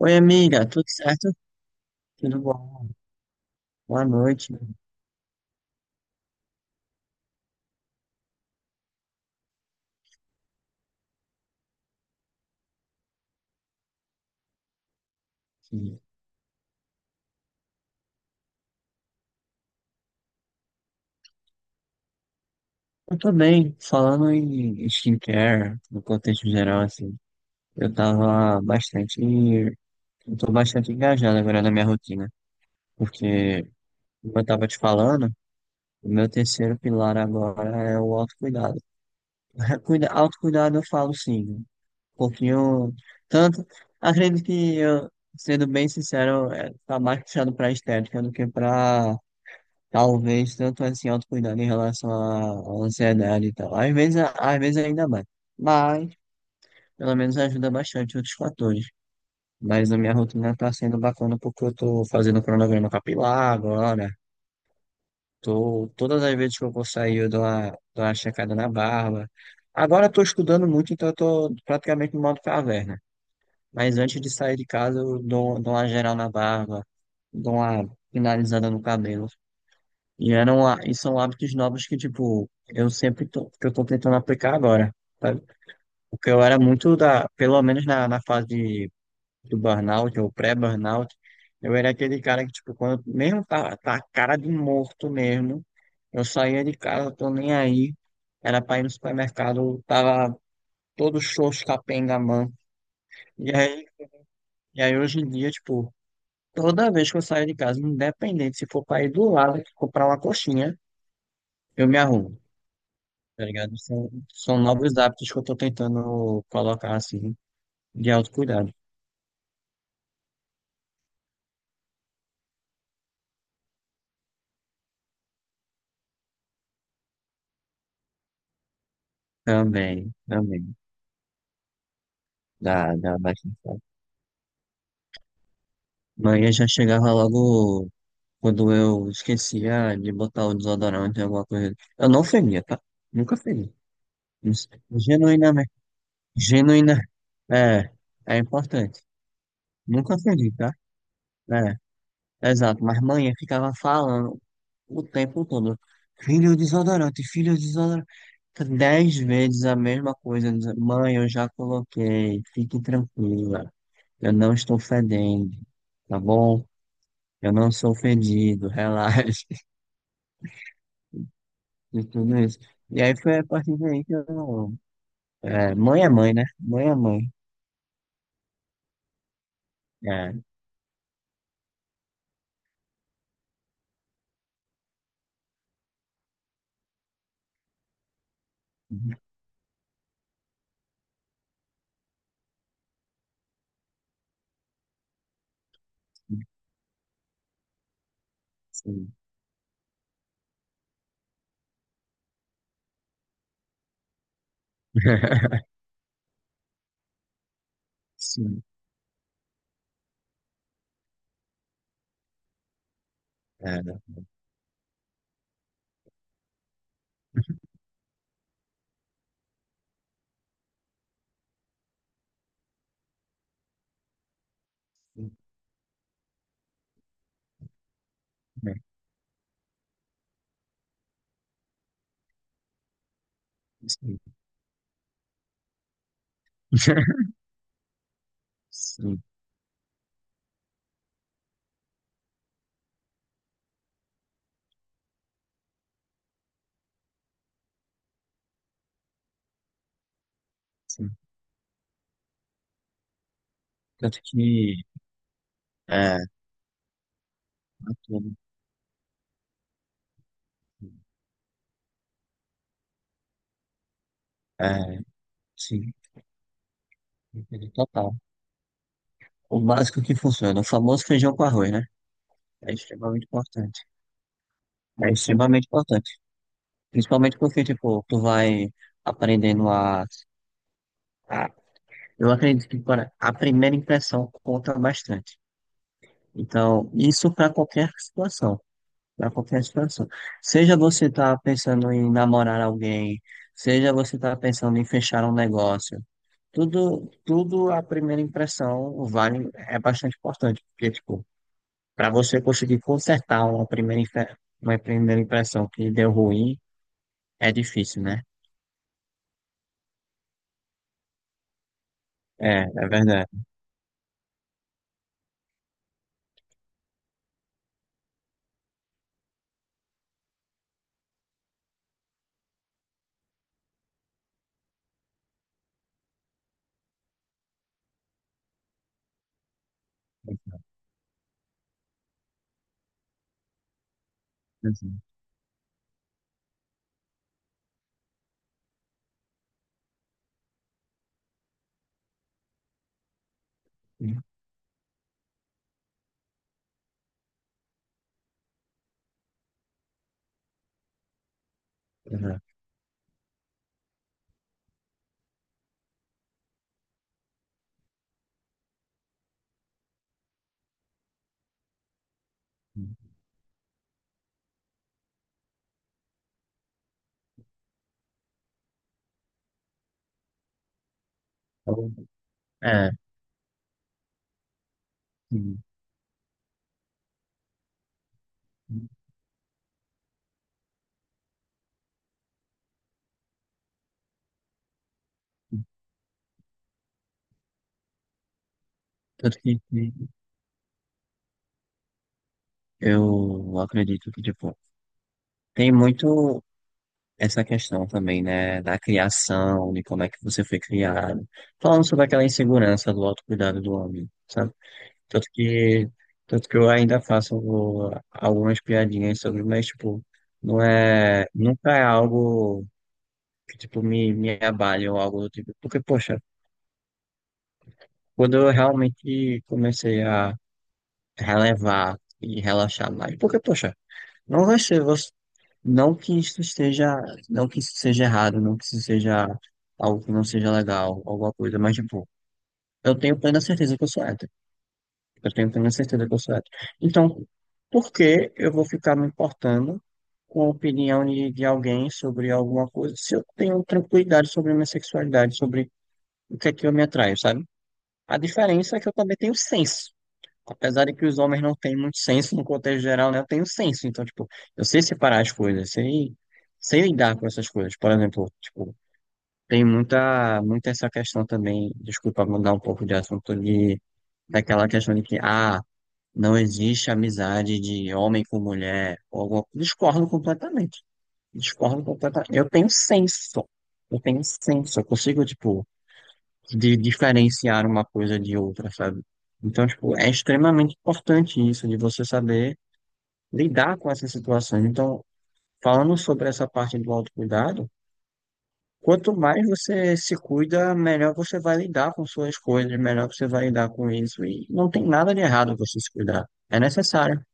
Oi, amiga, tudo certo? Tudo bom? Boa noite. Eu tô bem, falando em skincare, no contexto geral, assim, eu tava bastante, eu tô bastante engajado agora na minha rotina, porque, como eu tava te falando, o meu terceiro pilar agora é o autocuidado. Autocuidado eu falo sim, né? Um pouquinho, tanto, acredito que eu, sendo bem sincero, é, tá mais puxado pra estética do que pra... Talvez tanto assim autocuidado em relação à ansiedade e tal. Às vezes ainda mais. Mas, pelo menos ajuda bastante outros fatores. Mas a minha rotina tá sendo bacana porque eu tô fazendo cronograma capilar agora. Tô, todas as vezes que eu vou sair, eu dou uma checada na barba. Agora eu tô estudando muito, então eu tô praticamente no modo caverna. Mas antes de sair de casa, eu dou uma geral na barba, dou uma finalizada no cabelo. E são hábitos novos que, tipo, eu sempre tô, que eu tô tentando aplicar agora, sabe? Porque eu era muito da, pelo menos na fase do burnout ou pré-burnout, eu era aquele cara que, tipo, quando mesmo tá a cara de morto mesmo, eu saía de casa, tô nem aí, era pra ir no supermercado, tava todo xoxo, capenga, mano. E aí, e aí hoje em dia, tipo, toda vez que eu saio de casa, independente se for pra ir do lado, comprar uma coxinha, eu me arrumo. Tá ligado? São novos hábitos que eu tô tentando colocar, assim, de autocuidado. Também, também. Dá, dá bastante, certo. Mas eu já chegava logo quando eu esquecia de botar o desodorante, alguma coisa. Eu não feria, tá? Nunca feri. Isso. Genuinamente. Genuína. É, é importante. Nunca feri, tá? É, exato. Mas manhã ficava falando o tempo todo. Filho desodorante, filho desodorante. 10 vezes a mesma coisa. Dizer, mãe, eu já coloquei. Fique tranquila. Eu não estou fedendo. Tá bom? Eu não sou fedido. Relaxe. E tudo isso. E aí foi a partir daí que eu... é mãe, né? Mãe. É. Sim. Sim. É, né? É, sim. Sim. Sim. Tanto que... É. Aquilo, é. Sim. Total. O básico que funciona, o famoso feijão com arroz, né? É extremamente importante. É extremamente importante. Principalmente porque, tipo, tu vai aprendendo a- eu acredito que para a primeira impressão conta bastante. Então, isso para qualquer situação. Para qualquer situação. Seja você tá pensando em namorar alguém, seja você tá pensando em fechar um negócio. Tudo, tudo a primeira impressão vale, é bastante importante. Porque, tipo, para você conseguir consertar uma primeira, uma primeira impressão que deu ruim, é difícil, né? É, é verdade. Exato, exato. Então, é, sim. Sim, sim. Tanto que eu acredito que, tipo, tem muito essa questão também, né, da criação, de como é que você foi criado. Falando sobre aquela insegurança do autocuidado do homem, sabe? Tanto que, tanto que eu ainda faço algumas piadinhas sobre, mas, tipo, não é, nunca é algo que, tipo, me abale ou algo do tipo. Porque, poxa, quando eu realmente comecei a relevar e relaxar mais, porque, poxa, não vai ser você, não que isso esteja, não que isso seja errado, não que isso seja algo que não seja legal, alguma coisa, mas, tipo, eu tenho plena certeza que eu sou hétero. Eu tenho plena certeza que eu sou hétero. Então, por que eu vou ficar me importando com a opinião de alguém sobre alguma coisa se eu tenho tranquilidade sobre a minha sexualidade, sobre o que é que eu me atraio, sabe? A diferença é que eu também tenho senso. Apesar de que os homens não têm muito senso no contexto geral, né? Eu tenho senso. Então, tipo, eu sei separar as coisas, sei lidar com essas coisas. Por exemplo, tipo, tem muita essa questão também, desculpa mudar um pouco de assunto, de, daquela questão de que, ah, não existe amizade de homem com mulher. Ou alguma... Discordo completamente. Discordo completamente. Eu tenho senso. Eu tenho senso. Eu consigo, tipo, de diferenciar uma coisa de outra, sabe? Então, tipo, é extremamente importante isso, de você saber lidar com essas situações. Então, falando sobre essa parte do autocuidado, quanto mais você se cuida, melhor você vai lidar com suas coisas, melhor você vai lidar com isso. E não tem nada de errado você se cuidar. É necessário.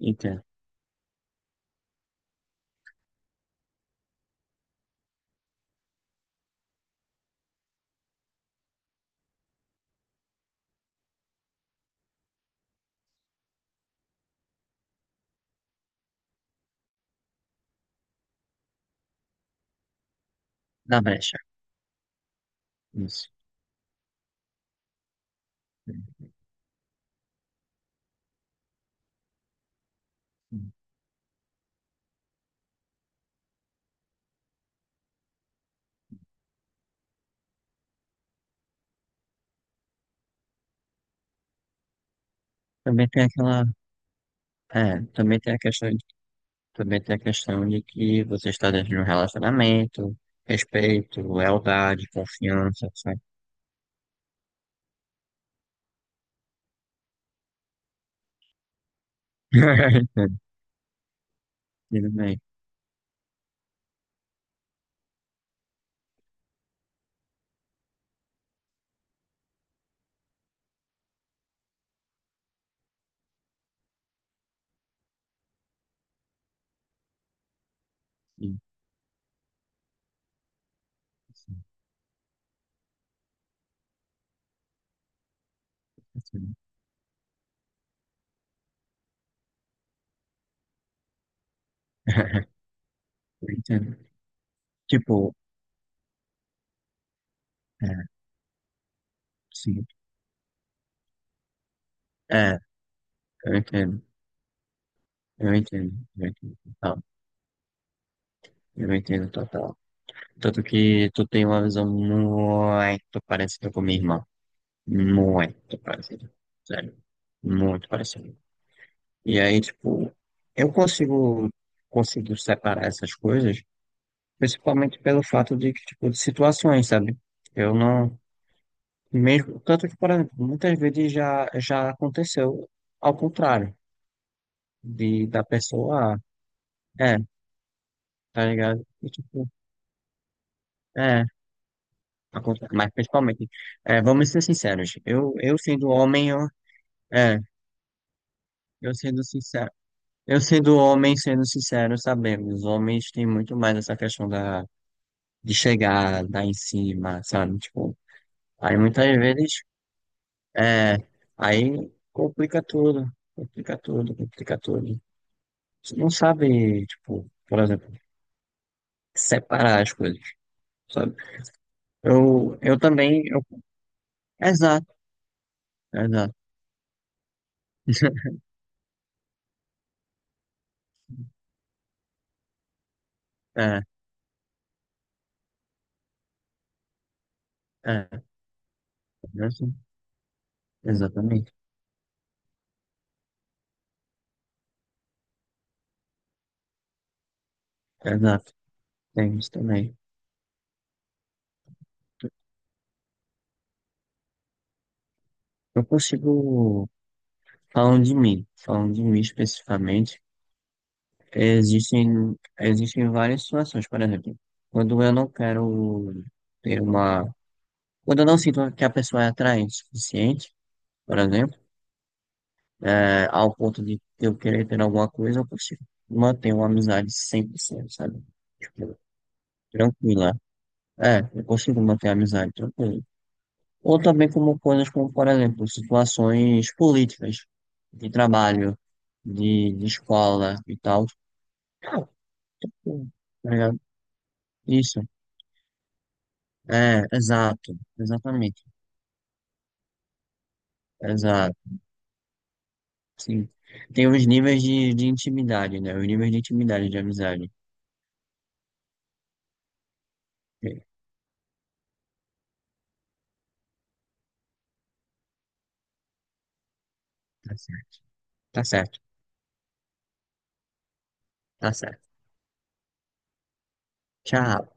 Entendo. Na brecha. Isso. Também tem aquela... É, também tem a questão de, também tem a questão de que você está dentro de um relacionamento, respeito, lealdade, confiança, sabe? Entendo, entendo bem. Sim, sim, sim. Eu entendo. Tipo, é, sim. É, eu entendo. Eu entendo. Eu entendo total. Eu entendo total. Tanto que tu tem uma visão muito parecida com a minha irmã. Muito parecida. Sério. Muito parecida. E aí, tipo, eu consigo, consigo separar essas coisas, principalmente pelo fato de que, tipo, de situações, sabe? Eu não, mesmo, tanto que, por exemplo, muitas vezes já, já aconteceu ao contrário, de, da pessoa, ah, é, tá ligado? E, tipo, é, acontece mas principalmente, é, vamos ser sinceros, eu sendo homem, eu, é, eu sendo sincero, eu sendo homem, sendo sincero, sabemos, os homens têm muito mais essa questão da de chegar, dar em cima, sabe? Tipo, aí muitas vezes, é, aí complica tudo, complica tudo, complica tudo. Você não sabe, tipo, por exemplo, separar as coisas, sabe? Eu também, eu, exato, exato. É, é, é assim. Exatamente, exato, tem isso também. Eu consigo, falando de mim especificamente, existem, existem várias situações, por exemplo, quando eu não quero ter uma... Quando eu não sinto que a pessoa é atraente o suficiente, por exemplo, é, ao ponto de eu querer ter alguma coisa, eu consigo manter uma amizade 100%, sabe? Tipo, tranquila. É, eu consigo manter a amizade tranquila. Ou também como coisas como, por exemplo, situações políticas, de trabalho, de escola e tal. Tá ligado? Isso. É, exato, exatamente, exato, sim. Tem os níveis de intimidade, né? Os níveis de intimidade de amizade. É, tá certo, tá certo, tá certo. Tchau.